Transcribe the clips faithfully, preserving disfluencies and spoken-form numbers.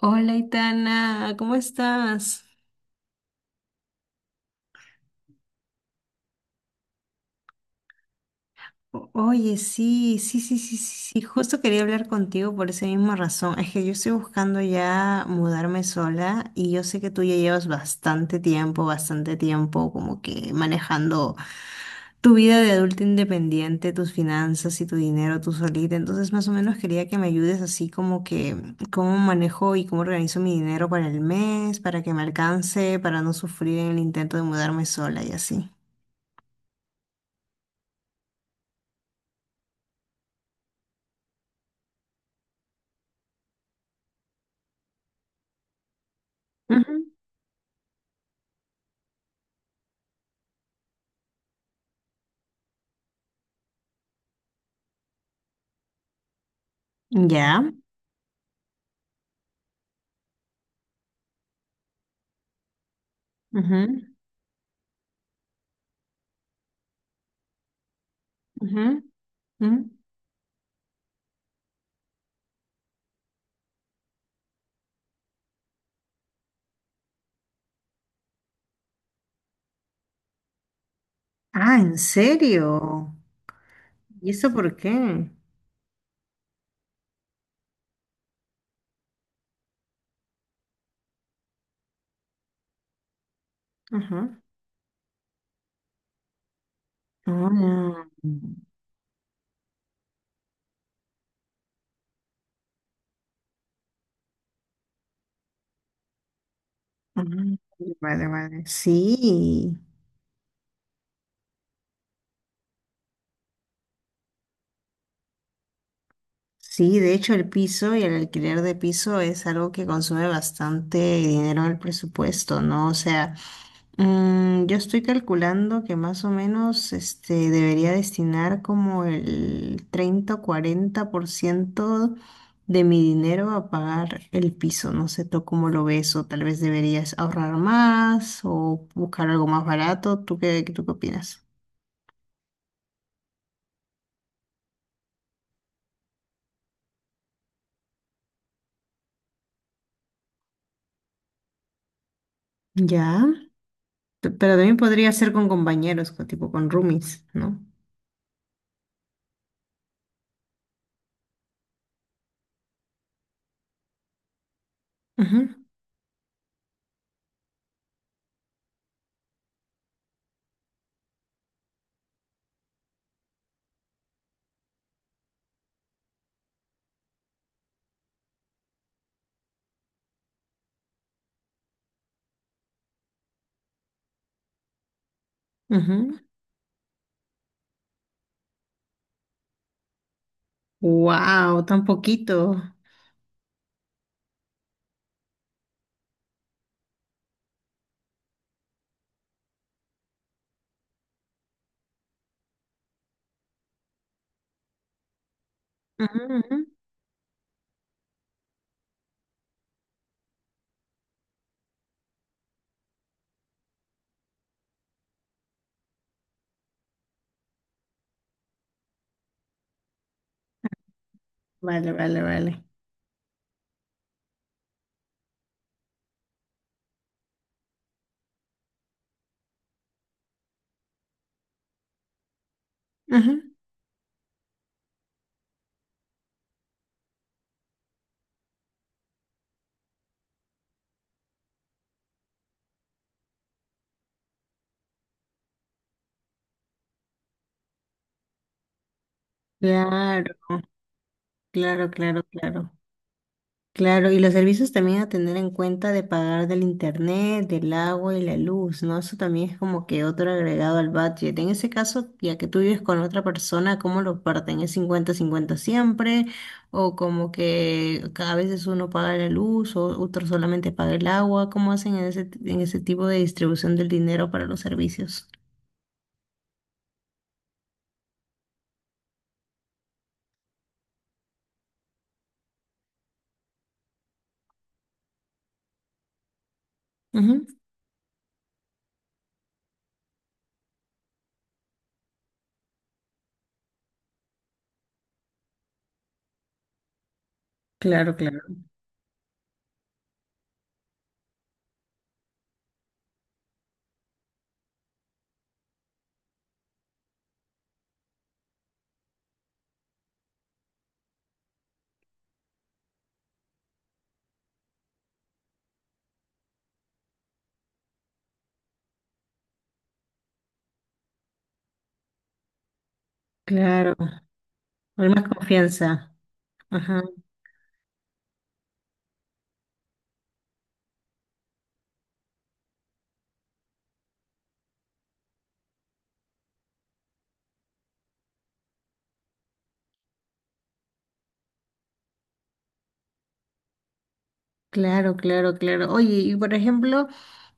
Hola, Itana, ¿cómo estás? O- Oye, sí, sí, sí, sí, sí, sí, justo quería hablar contigo por esa misma razón. Es que yo estoy buscando ya mudarme sola y yo sé que tú ya llevas bastante tiempo, bastante tiempo como que manejando tu vida de adulta independiente, tus finanzas y tu dinero tú solita. Entonces, más o menos quería que me ayudes así como que cómo manejo y cómo organizo mi dinero para el mes, para que me alcance, para no sufrir en el intento de mudarme sola y así. Ya. Ujú, ujú, ujú. Ah, ¿en serio? ¿Y eso por qué? Ajá. Ah, ah. Vale, vale. Sí, sí, de hecho el piso y el alquiler de piso es algo que consume bastante dinero en el presupuesto, ¿no? O sea, Mm, yo estoy calculando que más o menos este, debería destinar como el treinta o cuarenta por ciento de mi dinero a pagar el piso. No sé tú cómo lo ves, o tal vez deberías ahorrar más o buscar algo más barato. ¿Tú qué, tú qué opinas? Ya. T- Pero también podría ser con compañeros, con- tipo con roomies, no. Wow, tan poquito. Ujú, ujú. Vale, vale, vale. Ujú. Claro. Claro, claro, claro. Claro, y los servicios también a tener en cuenta de pagar del internet, del agua y la luz, ¿no? Eso también es como que otro agregado al budget. En ese caso, ya que tú vives con otra persona, ¿cómo lo parten? ¿Es cincuenta-cincuenta siempre? ¿O como que a veces uno paga la luz o otro solamente paga el agua? ¿Cómo hacen en ese, en ese tipo de distribución del dinero para los servicios? Ujú. Claro, claro, claro. Hay más confianza. Ajá. Claro, claro, claro. Oye, y por ejemplo,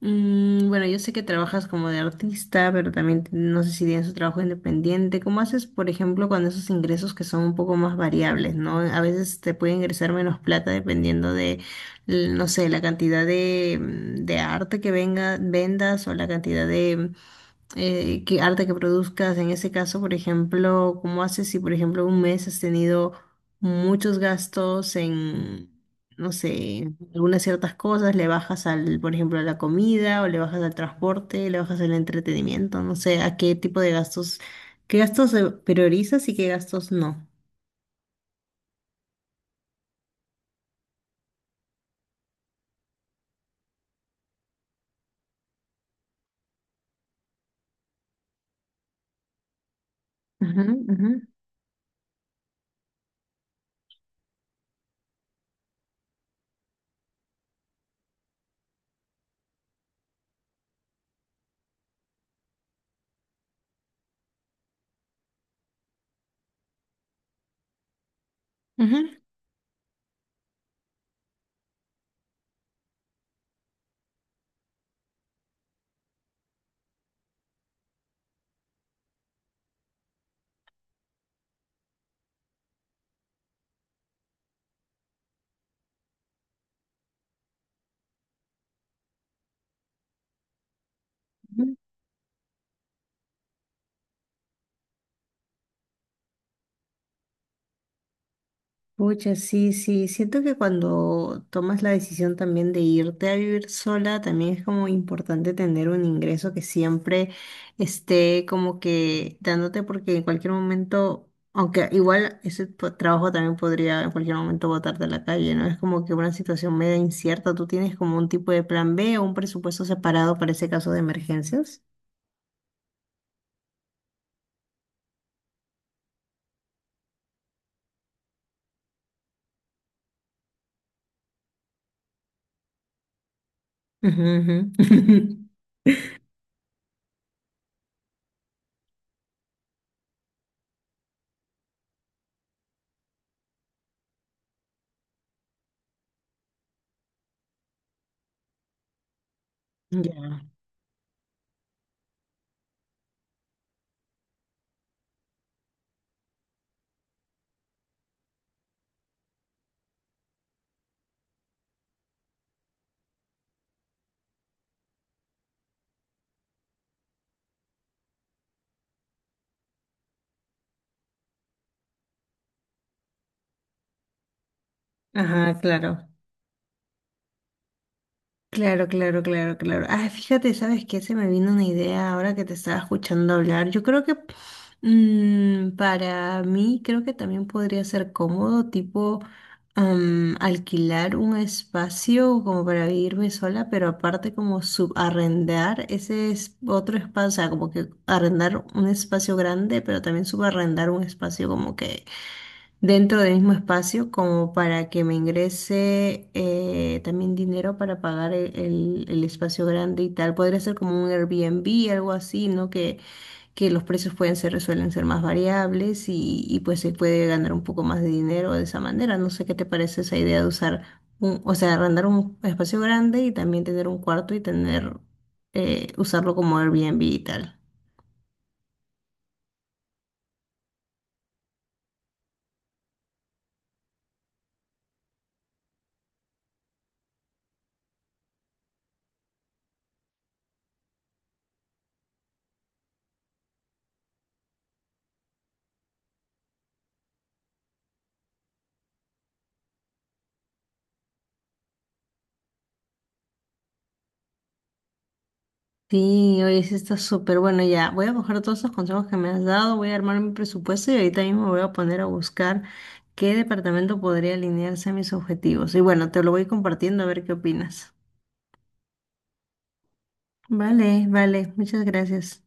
mm, bueno, yo sé que trabajas como de artista, pero también t- no sé si tienes un trabajo independiente. ¿Cómo haces, por ejemplo, con esos ingresos que son un poco más variables, ¿no? A veces te puede ingresar menos plata dependiendo de, l- no sé, la cantidad de, mm, de arte que venga, vendas o la cantidad de, eh, qué arte que produzcas. En ese caso, por ejemplo, ¿cómo haces si, por ejemplo, un mes has tenido muchos gastos en, no sé, algunas ciertas cosas? ¿Le bajas al, por ejemplo, a la comida o le bajas al transporte, le bajas al entretenimiento? No sé, ¿a qué tipo de gastos, qué gastos eh, priorizas y qué gastos no? Ujú, ujú, ujú, ujú. Pucha, sí, sí. Siento que cuando tomas la decisión también de irte a vivir sola, también es como importante tener un ingreso que siempre esté como que dándote, porque en cualquier momento, aunque igual ese po- trabajo también podría en cualquier momento botarte a la calle, ¿no? Es como que una situación media incierta. ¿Tú tienes como un tipo de plan be o un presupuesto separado para ese caso de emergencias? Ujú, ujú. Ya. Ajá, claro. Claro, claro, claro, claro. Ah, fíjate, ¿sabes qué? Se me vino una idea ahora que te estaba escuchando hablar. Yo creo que mm, para mí creo que también podría ser cómodo, tipo am, alquilar un espacio como para vivirme sola, pero aparte como subarrendar ese es otro espacio, o sea, como que arrendar un espacio grande, pero también subarrendar un espacio como que dentro del mismo espacio como para que me ingrese eh, también dinero para pagar el, el- el espacio grande y tal. Podría ser como un Airbnb, algo así, ¿no? Que, que los precios pueden ser, suelen ser más variables y, y pues se puede ganar un poco más de dinero de esa manera. No sé qué te parece esa idea de usar un, o sea, arrendar un espacio grande y también tener un cuarto y tener, eh, usarlo como Airbnb y tal. Sí, oye, sí está súper bueno. Ya, voy a coger todos esos consejos que me has dado, voy a armar mi presupuesto y ahorita mismo me voy a poner a buscar qué departamento podría alinearse a mis objetivos. Y bueno, te lo voy compartiendo a ver qué opinas. Vale, vale, muchas gracias.